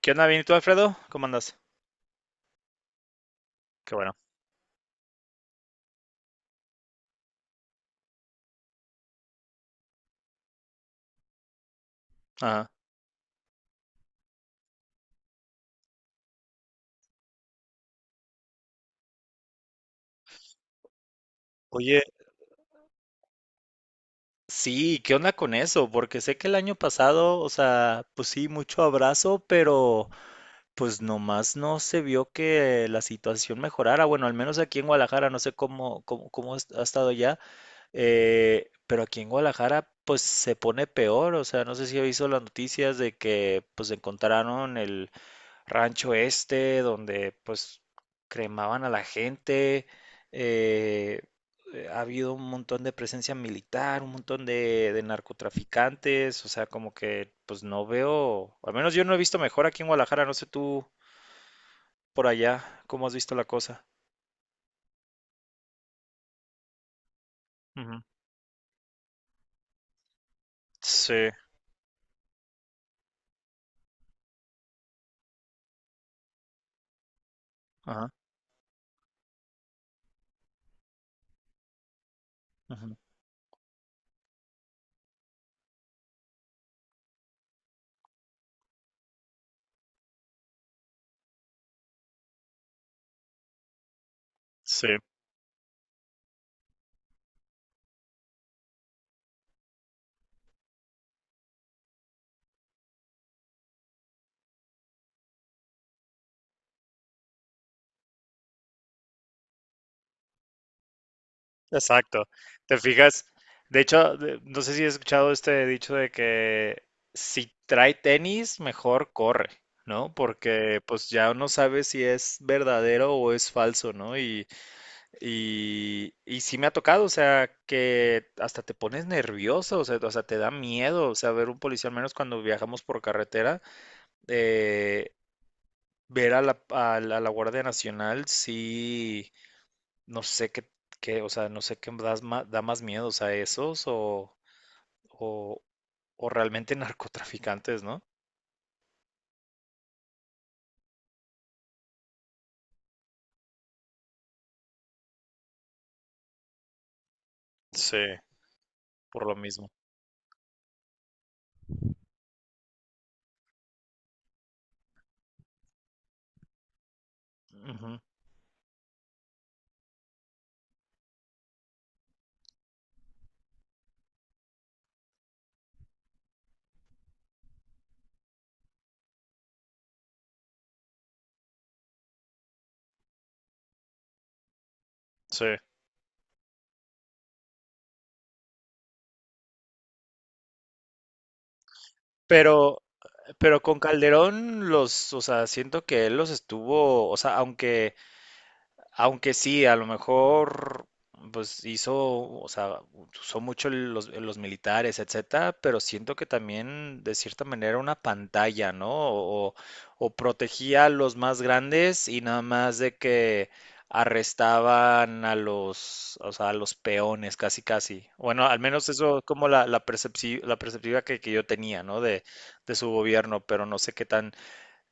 ¿Qué onda, bien? ¿Y tú, Alfredo? ¿Cómo andas? Qué bueno. Ajá. Oye, sí, ¿qué onda con eso? Porque sé que el año pasado, o sea, pues sí, mucho abrazo, pero pues nomás no se vio que la situación mejorara. Bueno, al menos aquí en Guadalajara, no sé cómo ha estado ya, pero aquí en Guadalajara, pues se pone peor. O sea, no sé si ha visto las noticias de que pues encontraron el rancho este, donde pues cremaban a la gente. eh, Ha habido un montón de presencia militar, un montón de narcotraficantes, o sea, como que pues no veo, al menos yo no he visto mejor aquí en Guadalajara, no sé tú por allá, ¿cómo has visto la cosa? Ujú. Sí, ajá, ujú, sí. Exacto. ¿Te fijas? De hecho, no sé si has escuchado este dicho de que si trae tenis, mejor corre, ¿no? Porque pues ya uno sabe si es verdadero o es falso, ¿no? Y sí me ha tocado, o sea, que hasta te pones nervioso, o sea, te da miedo, o sea, ver un policía, al menos cuando viajamos por carretera, eh, ver a la Guardia Nacional, sí. No sé o sea, no sé qué da más miedo, o sea, esos o, o realmente narcotraficantes, ¿no? Sí, por lo mismo. Ujú. Sí. Pero, pero con Calderón los, o sea, siento que él los estuvo, o sea, aunque sí, a lo mejor, pues hizo, o sea, usó mucho los militares, etcétera, pero siento que también de cierta manera una pantalla, ¿no? O protegía a los más grandes y nada más de que arrestaban a los, o sea, a los peones, casi, casi. Bueno, al menos eso es como la perspectiva que yo tenía, ¿no? De su gobierno, pero no sé qué tan,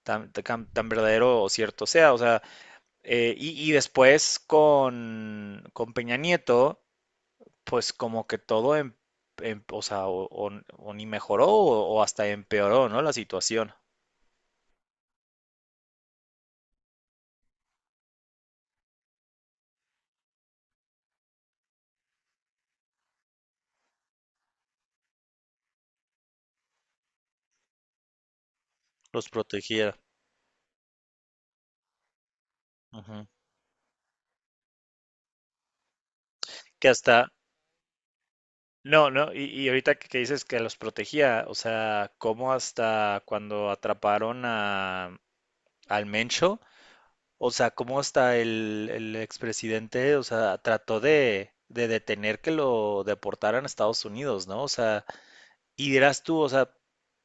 tan, tan, tan verdadero o cierto sea, o sea. Y después con Peña Nieto, pues como que todo, o sea, o ni mejoró o hasta empeoró, ¿no? La situación. Los protegía. Ujú. Que hasta, no, no, y ahorita que dices que los protegía, o sea, como hasta cuando atraparon al Mencho, o sea, como hasta el expresidente, o sea, trató de detener que lo deportaran a Estados Unidos, ¿no? O sea, y dirás tú, o sea,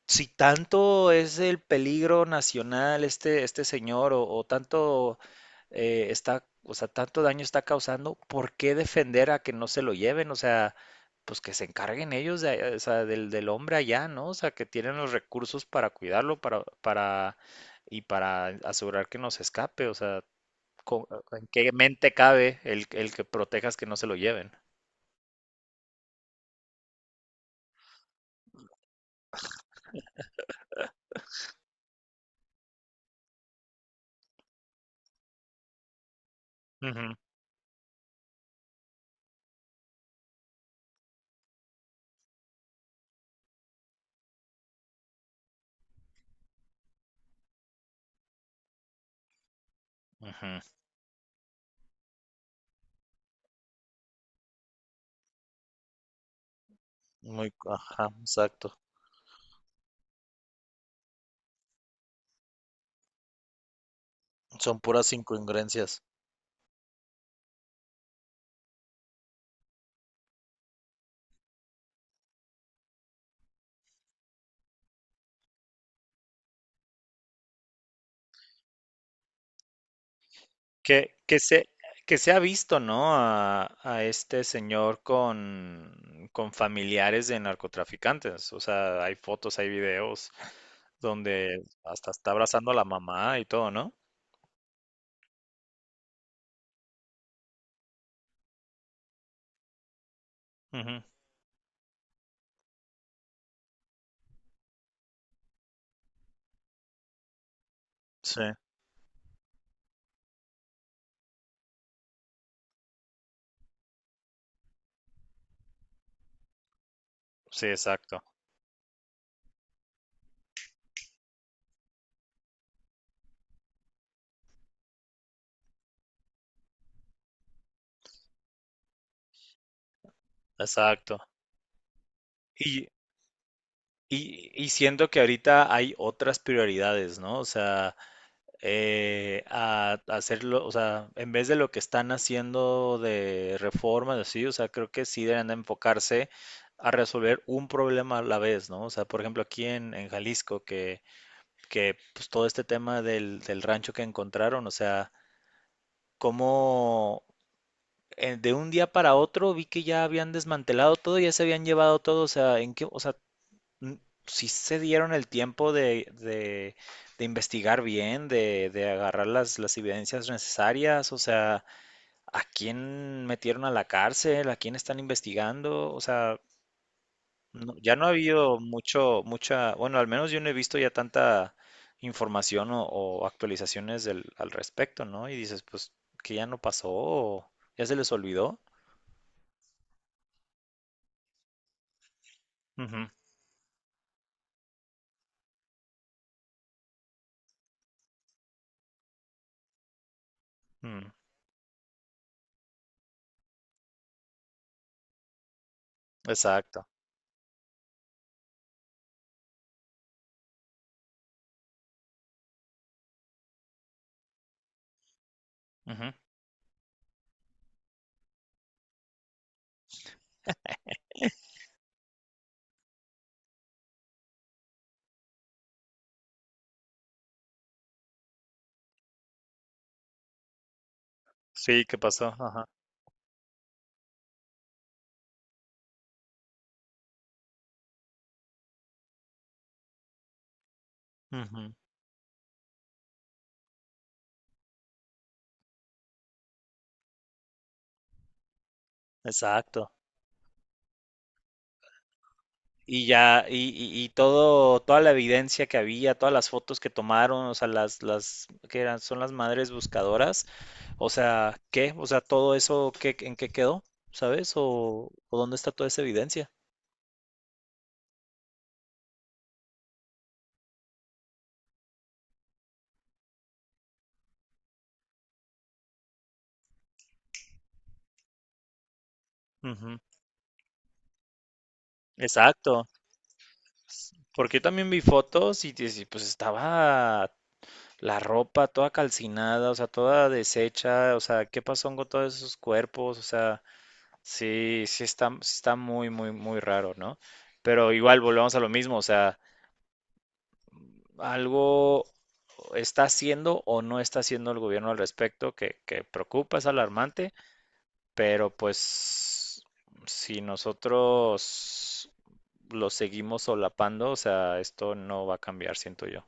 si tanto es el peligro nacional este señor o tanto está, o sea, tanto daño está causando, ¿por qué defender a que no se lo lleven? O sea, pues que se encarguen ellos o sea, del hombre allá, ¿no? O sea, que tienen los recursos para cuidarlo, y para asegurar que no se escape. O sea, ¿en qué mente cabe el que protejas que no se lo lleven? Ujú, ujú, muy, ajá, exacto. Son puras incongruencias. Que, que se, que se ha visto, ¿no? A este señor con familiares de narcotraficantes. O sea, hay fotos, hay videos donde hasta está abrazando a la mamá y todo, ¿no? Ujú. Sí, sí, exacto, exacto. Y siento que ahorita hay otras prioridades, ¿no? O sea, a hacerlo, o sea, en vez de lo que están haciendo de reformas, así, o sea, creo que sí deben de enfocarse a resolver un problema a la vez, ¿no? O sea, por ejemplo, aquí en Jalisco, que pues, todo este tema del rancho que encontraron, o sea, cómo de un día para otro vi que ya habían desmantelado todo, ya se habían llevado todo, o sea, ¿en qué, o sea, n- sí se dieron el tiempo de investigar bien, de agarrar las evidencias necesarias, o sea, a quién metieron a la cárcel, a quién están investigando, o sea, ya no ha habido mucha, bueno, al menos yo no he visto ya tanta información o actualizaciones al respecto, ¿no? Y dices, pues, que ya no pasó, o ya se les olvidó. Ujú, mm, exacto. Ujú. Sí, ¿qué pasó? Ajá. Ujú. Exacto. Y ya, y todo, toda la evidencia que había, todas las fotos que tomaron, o sea, ¿que eran? Son las madres buscadoras, o sea, ¿qué? O sea, todo eso, ¿qué, en qué quedó? ¿Sabes? ¿O dónde está toda esa evidencia? Ujú. Exacto, porque yo también vi fotos y, dices, pues estaba la ropa toda calcinada, o sea, toda deshecha, o sea, ¿qué pasó con todos esos cuerpos? O sea, sí, sí está muy, muy, muy raro, ¿no? Pero igual volvemos a lo mismo, o sea, algo está haciendo o no está haciendo el gobierno al respecto que preocupa, es alarmante, pero pues si nosotros lo seguimos solapando, o sea, esto no va a cambiar, siento yo.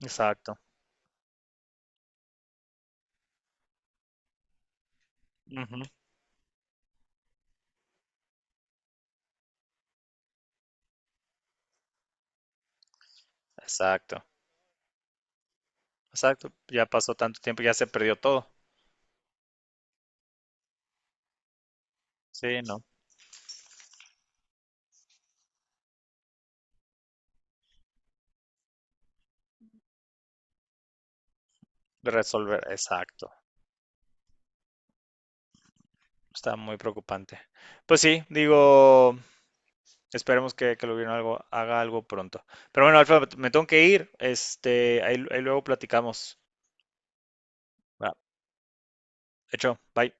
Exacto. Ujú. Exacto. Exacto. Ya pasó tanto tiempo, ya se perdió todo. Sí, no. Resolver, exacto. Está muy preocupante. Pues sí, digo, esperemos que lo vieron algo, haga algo pronto. Pero bueno, Alfa, me tengo que ir. Ahí luego platicamos. Va, hecho, bye.